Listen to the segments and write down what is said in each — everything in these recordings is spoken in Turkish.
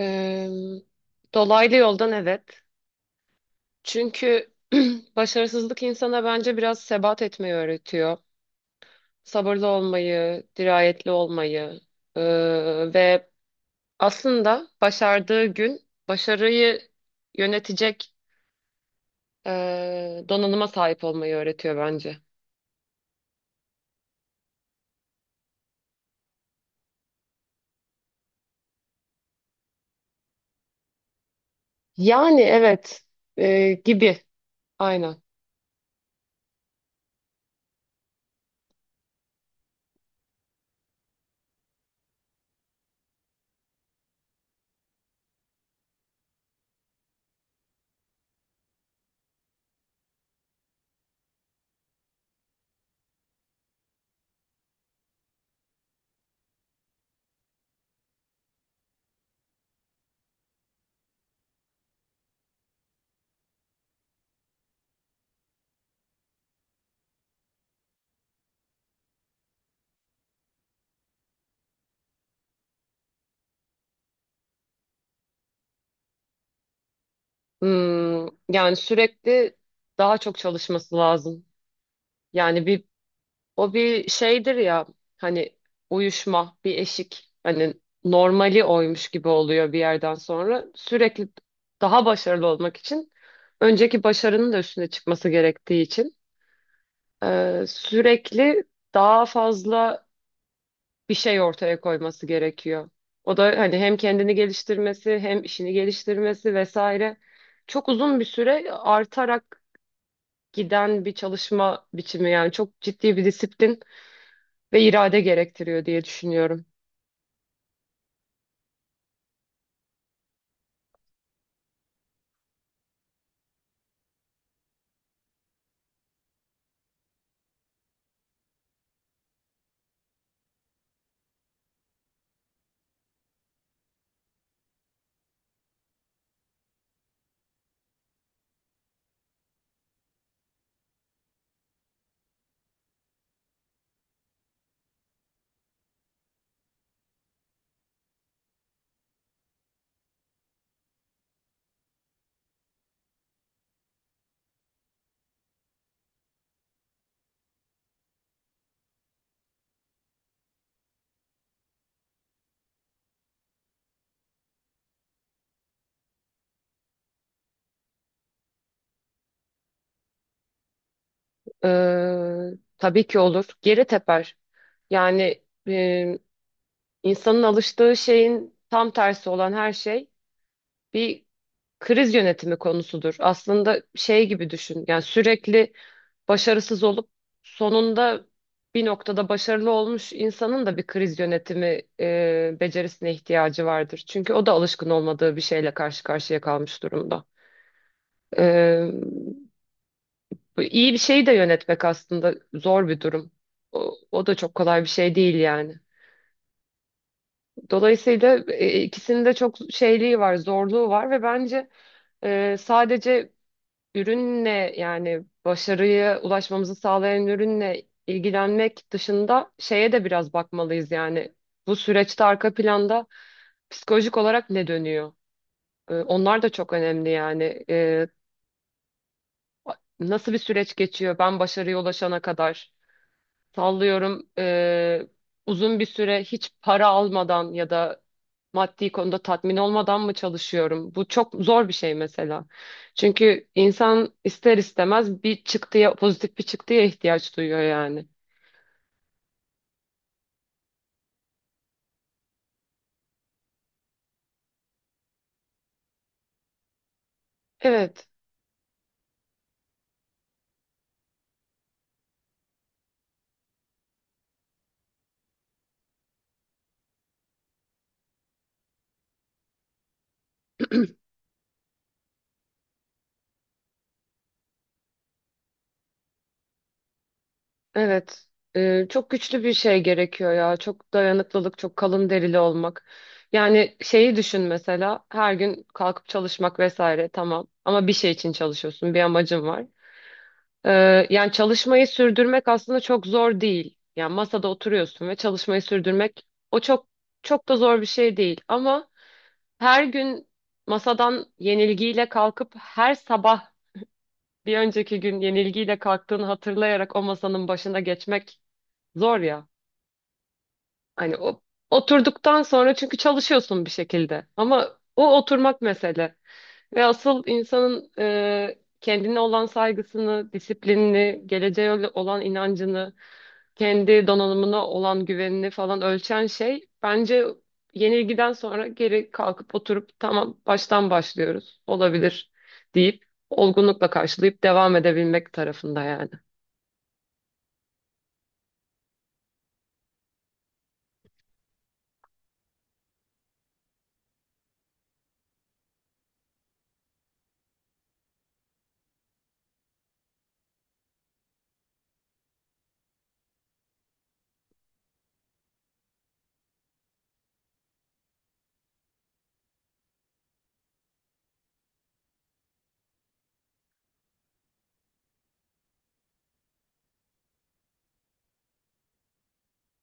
Ee, Dolaylı yoldan evet. Çünkü başarısızlık insana bence biraz sebat etmeyi öğretiyor. Sabırlı olmayı, dirayetli olmayı ee, ve aslında başardığı gün başarıyı yönetecek donanıma sahip olmayı öğretiyor bence. Yani evet, gibi, aynen. Yani sürekli daha çok çalışması lazım. Yani bir. O bir şeydir ya, hani uyuşma bir eşik, hani normali oymuş gibi oluyor bir yerden sonra sürekli daha başarılı olmak için önceki başarının da üstüne çıkması gerektiği için sürekli daha fazla bir şey ortaya koyması gerekiyor. O da hani hem kendini geliştirmesi hem işini geliştirmesi vesaire çok uzun bir süre artarak giden bir çalışma biçimi, yani çok ciddi bir disiplin ve irade gerektiriyor diye düşünüyorum. Tabii ki olur. Geri teper. Yani e, insanın alıştığı şeyin tam tersi olan her şey bir kriz yönetimi konusudur. Aslında şey gibi düşün. Yani sürekli başarısız olup sonunda bir noktada başarılı olmuş insanın da bir kriz yönetimi becerisine ihtiyacı vardır. Çünkü o da alışkın olmadığı bir şeyle karşı karşıya kalmış durumda. Bu İyi bir şeyi de yönetmek aslında zor bir durum. O da çok kolay bir şey değil yani. Dolayısıyla ikisinin de çok şeyliği var, zorluğu var ve bence sadece ürünle, yani başarıya ulaşmamızı sağlayan ürünle ilgilenmek dışında şeye de biraz bakmalıyız yani. Bu süreçte arka planda psikolojik olarak ne dönüyor? Onlar da çok önemli yani. Nasıl bir süreç geçiyor ben başarıya ulaşana kadar? Sallıyorum, uzun bir süre hiç para almadan ya da maddi konuda tatmin olmadan mı çalışıyorum? Bu çok zor bir şey mesela. Çünkü insan ister istemez bir çıktıya, pozitif bir çıktıya ihtiyaç duyuyor yani. Evet, evet. Çok güçlü bir şey gerekiyor ya. Çok dayanıklılık, çok kalın derili olmak. Yani şeyi düşün mesela, her gün kalkıp çalışmak vesaire tamam. Ama bir şey için çalışıyorsun, bir amacın var. Yani çalışmayı sürdürmek aslında çok zor değil. Yani masada oturuyorsun ve çalışmayı sürdürmek o çok çok da zor bir şey değil. Ama her gün masadan yenilgiyle kalkıp her sabah bir önceki gün yenilgiyle kalktığını hatırlayarak o masanın başına geçmek zor ya. Hani o oturduktan sonra çünkü çalışıyorsun bir şekilde, ama o oturmak mesele. Ve asıl insanın kendine olan saygısını, disiplinini, geleceğe olan inancını, kendi donanımına olan güvenini falan ölçen şey bence yenilgiden sonra geri kalkıp oturup tamam baştan başlıyoruz olabilir deyip olgunlukla karşılayıp devam edebilmek tarafında yani.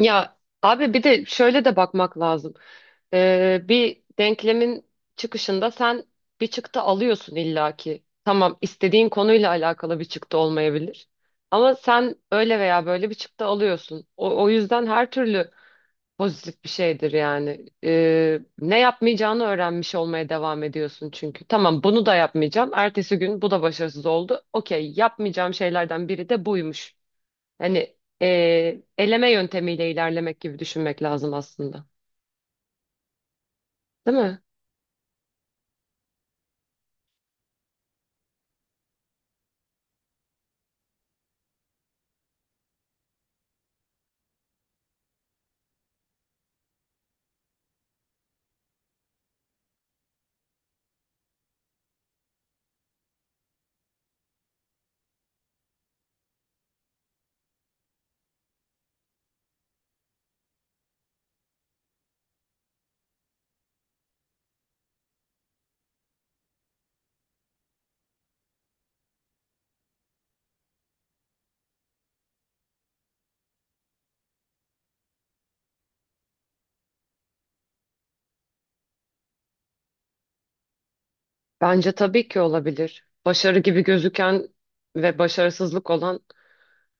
Ya abi, bir de şöyle de bakmak lazım. Bir denklemin çıkışında sen bir çıktı alıyorsun illaki. Tamam, istediğin konuyla alakalı bir çıktı olmayabilir. Ama sen öyle veya böyle bir çıktı alıyorsun. O yüzden her türlü pozitif bir şeydir yani. Ne yapmayacağını öğrenmiş olmaya devam ediyorsun çünkü. Tamam, bunu da yapmayacağım. Ertesi gün bu da başarısız oldu. Okey, yapmayacağım şeylerden biri de buymuş. Hani eleme yöntemiyle ilerlemek gibi düşünmek lazım aslında. Değil mi? Bence tabii ki olabilir. Başarı gibi gözüken ve başarısızlık olan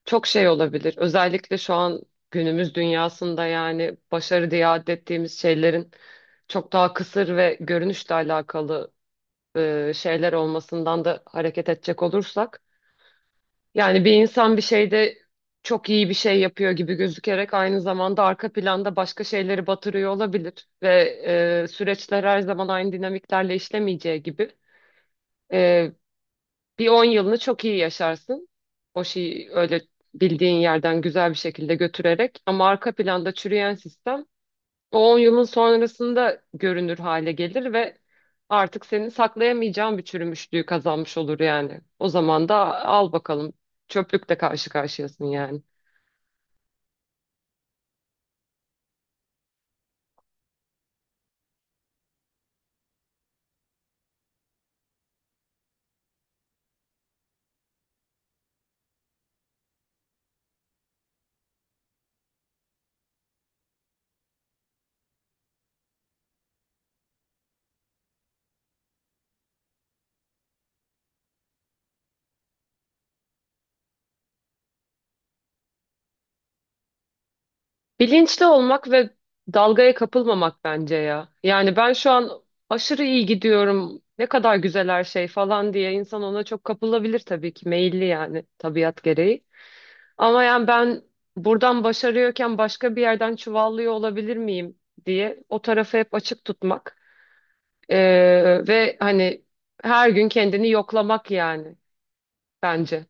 çok şey olabilir. Özellikle şu an günümüz dünyasında yani başarı diye adettiğimiz şeylerin çok daha kısır ve görünüşle alakalı şeyler olmasından da hareket edecek olursak. Yani bir insan bir şeyde çok iyi bir şey yapıyor gibi gözükerek aynı zamanda arka planda başka şeyleri batırıyor olabilir. Ve süreçler her zaman aynı dinamiklerle işlemeyeceği gibi, e, bir 10 yılını çok iyi yaşarsın. O şeyi öyle bildiğin yerden güzel bir şekilde götürerek. Ama arka planda çürüyen sistem o 10 yılın sonrasında görünür hale gelir ve artık seni saklayamayacağın bir çürümüşlüğü kazanmış olur yani. O zaman da al bakalım, çöplükle karşı karşıyasın yani. Bilinçli olmak ve dalgaya kapılmamak bence ya. Yani ben şu an aşırı iyi gidiyorum, ne kadar güzel her şey falan diye insan ona çok kapılabilir tabii ki, meyilli yani tabiat gereği. Ama yani ben buradan başarıyorken başka bir yerden çuvallıyor olabilir miyim diye o tarafı hep açık tutmak, ve hani her gün kendini yoklamak yani bence.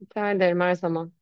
Rica ederim, her zaman.